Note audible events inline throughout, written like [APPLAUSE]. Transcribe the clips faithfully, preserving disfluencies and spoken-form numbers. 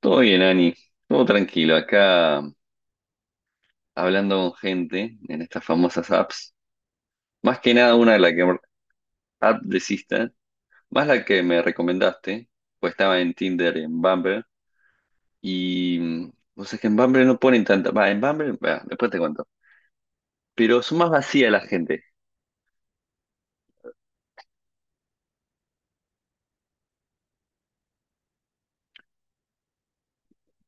Todo bien, Ani. Todo tranquilo. Acá hablando con gente en estas famosas apps. Más que nada una de las que app de Sista, más la que me recomendaste, pues estaba en Tinder, en Bumble. Y mm, vos sabés que en Bumble no ponen tanta. Va, en Bumble, va, después te cuento. Pero son más vacías la gente.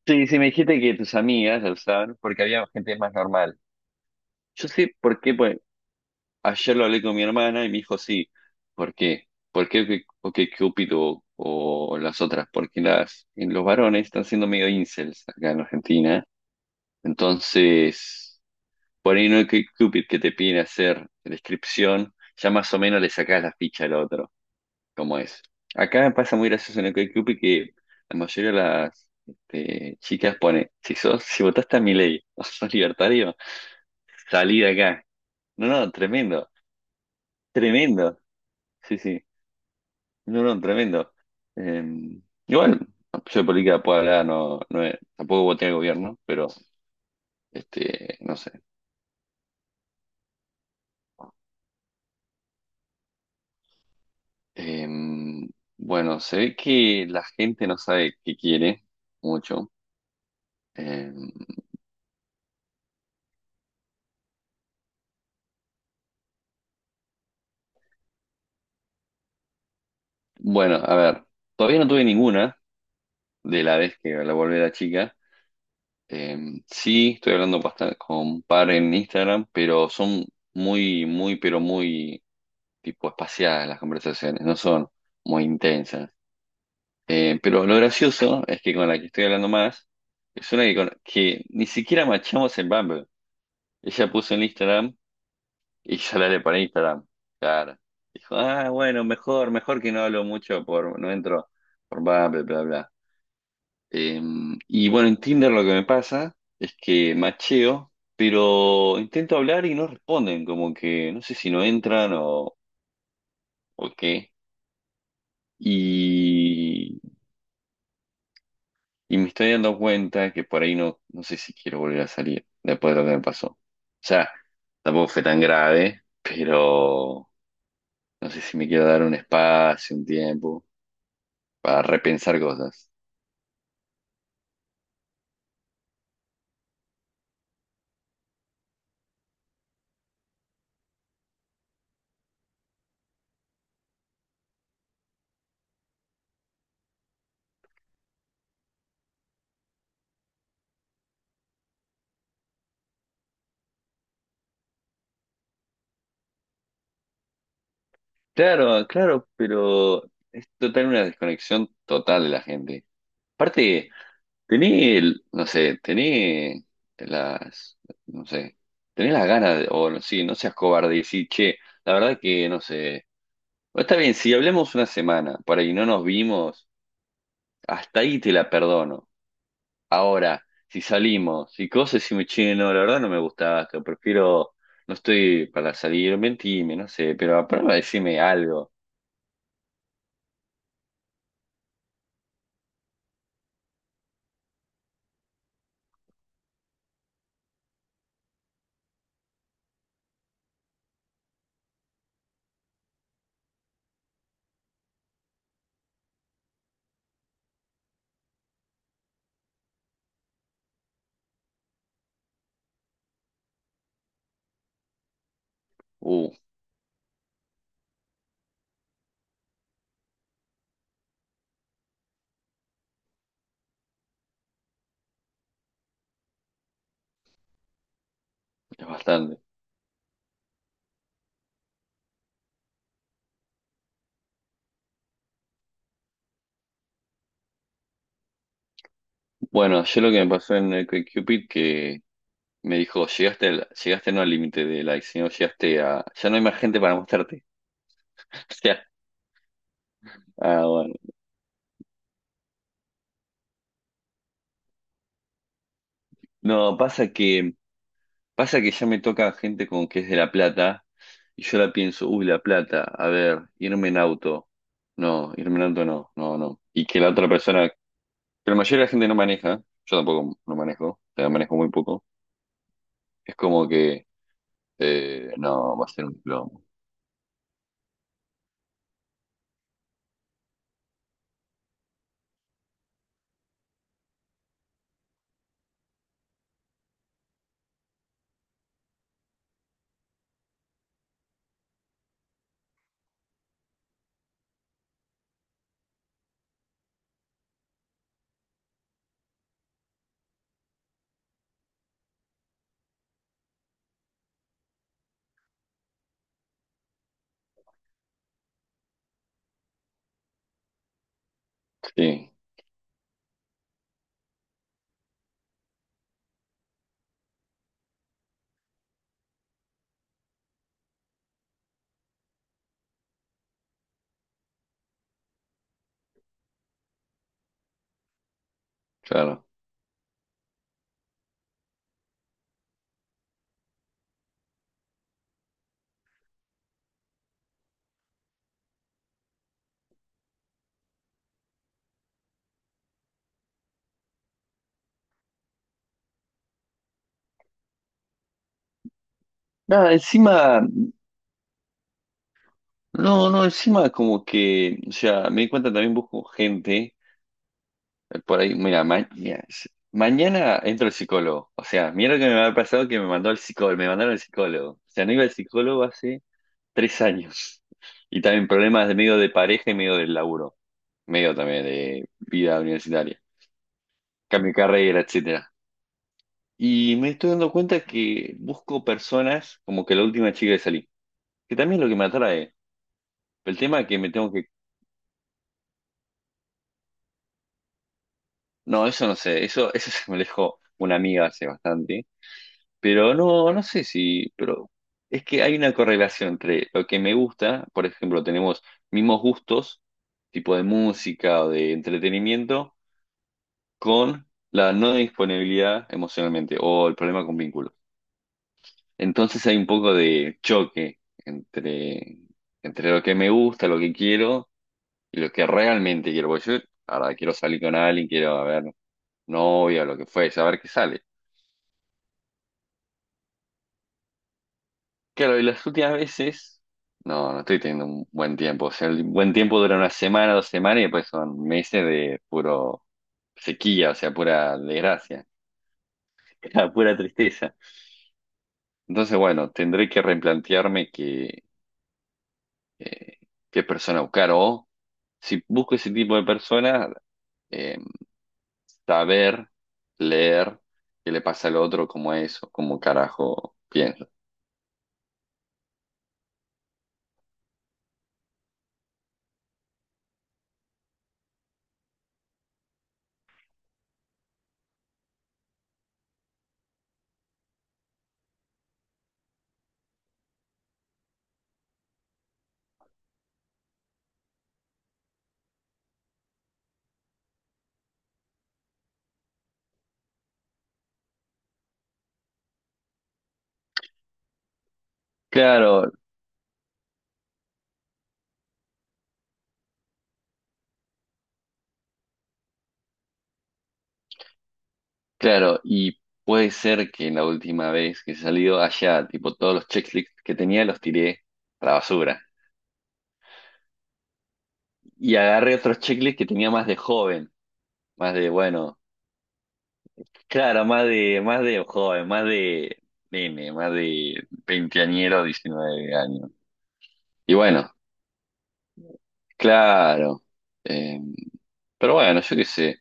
Sí, sí, me dijiste que tus amigas la usaban porque había gente más normal. Yo sé por qué, pues. Ayer lo hablé con mi hermana y me dijo, sí, ¿por qué? ¿Por qué que- o que Cupido o las otras? Porque las, en los varones están siendo medio incels acá en Argentina. Entonces, por ahí no hay que Cupid que te piden hacer descripción, ya más o menos le sacás la ficha al otro, como es. Acá pasa muy gracioso en el Cupid que la mayoría de las este, chicas pone, si sos, si votaste a Milei o [LAUGHS] sos libertario, salí de acá. No, no, tremendo, tremendo. Sí, sí. No, no, tremendo. Eh, igual, yo de política puedo hablar, no, no es- tampoco voté al gobierno, pero este, no sé. Eh, bueno, se ve que la gente no sabe qué quiere mucho. Eh, bueno, a ver, todavía no tuve ninguna de la vez que la volví a la chica. Eh, sí, estoy hablando bastante con un par en Instagram, pero son muy, muy, pero muy tipo espaciadas las conversaciones, no son muy intensas. Eh, pero lo gracioso es que con la que estoy hablando más es una que, con- que ni siquiera machamos en Bumble. Ella puso en Instagram y [LAUGHS] yo la haré para Instagram. Claro. Dijo, ah, bueno, mejor, mejor que no hablo mucho por, no entro por Bumble, bla, bla. Eh, y bueno, en Tinder lo que me pasa es que macheo, pero intento hablar y no responden, como que no sé si no entran o, o qué. Y me estoy dando cuenta que por ahí no, no sé si quiero volver a salir después de lo que me pasó. O sea, tampoco fue tan grave, pero no sé si me quiero dar un espacio, un tiempo para repensar cosas. Claro, claro, pero es total una desconexión total de la gente. Aparte, tenés, el- no sé, tenés las, no sé, tenés las ganas de, o no- sí, no seas cobarde y decir, che, la verdad que no sé. Bueno, está bien, si hablamos una semana para que no nos vimos, hasta ahí te la perdono. Ahora, si salimos y cosas y me che, no, la verdad no me gusta esto, prefiero, no estoy para salir, mentime, no sé, pero a prueba decime algo. Uh, es bastante. Bueno, yo lo que me pasó en el Cupid que me dijo, llegaste, al- llegaste no al límite de likes, sino llegaste a, ya no hay más gente para mostrarte. [LAUGHS] O sea, ah, bueno. No, pasa que pasa que ya me toca gente con que es de La Plata y yo la pienso, uy, La Plata, a ver, irme en auto. No, irme en auto no, no, no. Y que la otra persona, pero la mayoría de la gente no maneja, yo tampoco no manejo, o sea, manejo muy poco. Es como que, eh, no, va a ser un plomo. Sí, claro. Nada, encima, no, no, encima como que, o sea, me di cuenta también busco gente. Por ahí, mira, ma- mira, s- mañana entro al psicólogo. O sea, mira lo que me había pasado que me mandó al psicólogo, me mandaron al psicólogo. O sea, no iba al psicólogo hace tres años. [LAUGHS] Y también problemas de medio de pareja y medio del laburo, medio también de vida universitaria, cambio de carrera, etcétera. Y me estoy dando cuenta que busco personas como que la última chica que salí, que también es lo que me atrae. El tema es que me tengo que. No, eso no sé, eso, eso [LAUGHS] se me lo dejó una amiga hace bastante. Pero no, no sé si, pero es que hay una correlación entre lo que me gusta, por ejemplo, tenemos mismos gustos, tipo de música o de entretenimiento, con la no disponibilidad emocionalmente o el problema con vínculos. Entonces hay un poco de choque entre, entre lo que me gusta, lo que quiero y lo que realmente quiero. Porque yo, ahora quiero salir con alguien, quiero a ver novia, lo que fue, saber qué sale. Claro, y las últimas veces, no, no estoy teniendo un buen tiempo. O sea, el buen tiempo dura una semana, dos semanas y después son meses de puro sequía, o sea, pura desgracia, [LAUGHS] pura tristeza. Entonces, bueno, tendré que replantearme que, eh, qué persona buscar o si busco ese tipo de persona, eh, saber, leer qué le pasa al otro, cómo es o cómo carajo piensa. Claro, claro, y puede ser que la última vez que he salido allá, tipo todos los checklists que tenía los tiré a la basura. Y agarré otros checklists que tenía más de joven, más de, bueno, claro, más de, más de joven, más de nene, más de veinteañero, diecinueve años. Y bueno, claro. eh, pero bueno, yo qué sé.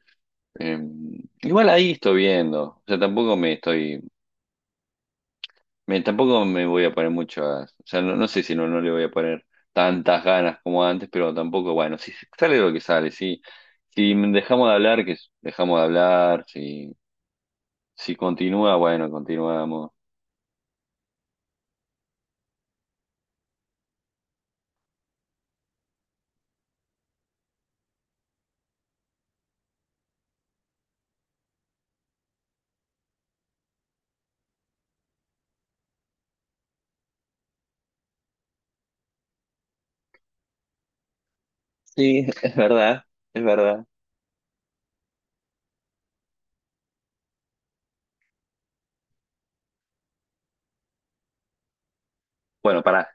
eh, igual ahí estoy viendo. O sea, tampoco me estoy. Me- tampoco me voy a poner muchas, o sea, no, no sé si no, no le voy a poner tantas ganas como antes, pero tampoco, bueno, si sale lo que sale, si, si dejamos de hablar, que dejamos de hablar, si, si continúa, bueno, continuamos. Sí, es verdad, es verdad. Bueno, pará,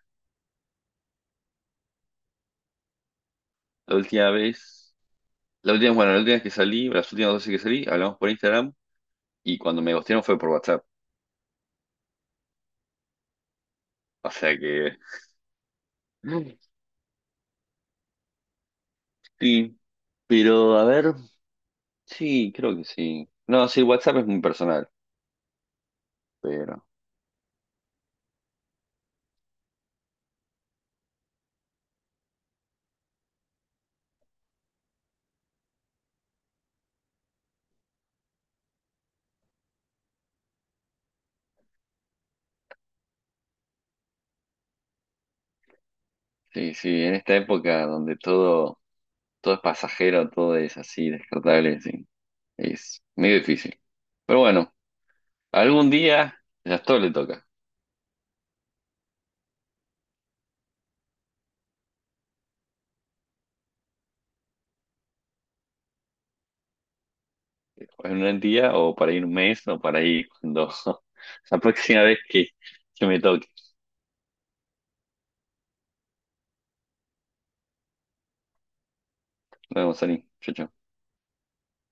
la última vez, la última, bueno, la última vez que salí, las últimas dos veces que salí, hablamos por Instagram y cuando me gustearon fue por WhatsApp, o sea que... [LAUGHS] Sí, pero a ver, sí, creo que sí. No, sí, WhatsApp es muy personal. Pero sí, sí, en esta época donde todo, todo es pasajero, todo es así, descartable, sí, es medio difícil. Pero bueno, algún día ya todo le toca. En un día o para ir un mes o para ir cuando [LAUGHS] la próxima vez que, que me toque. Nos vemos, Ani. Chau, chau.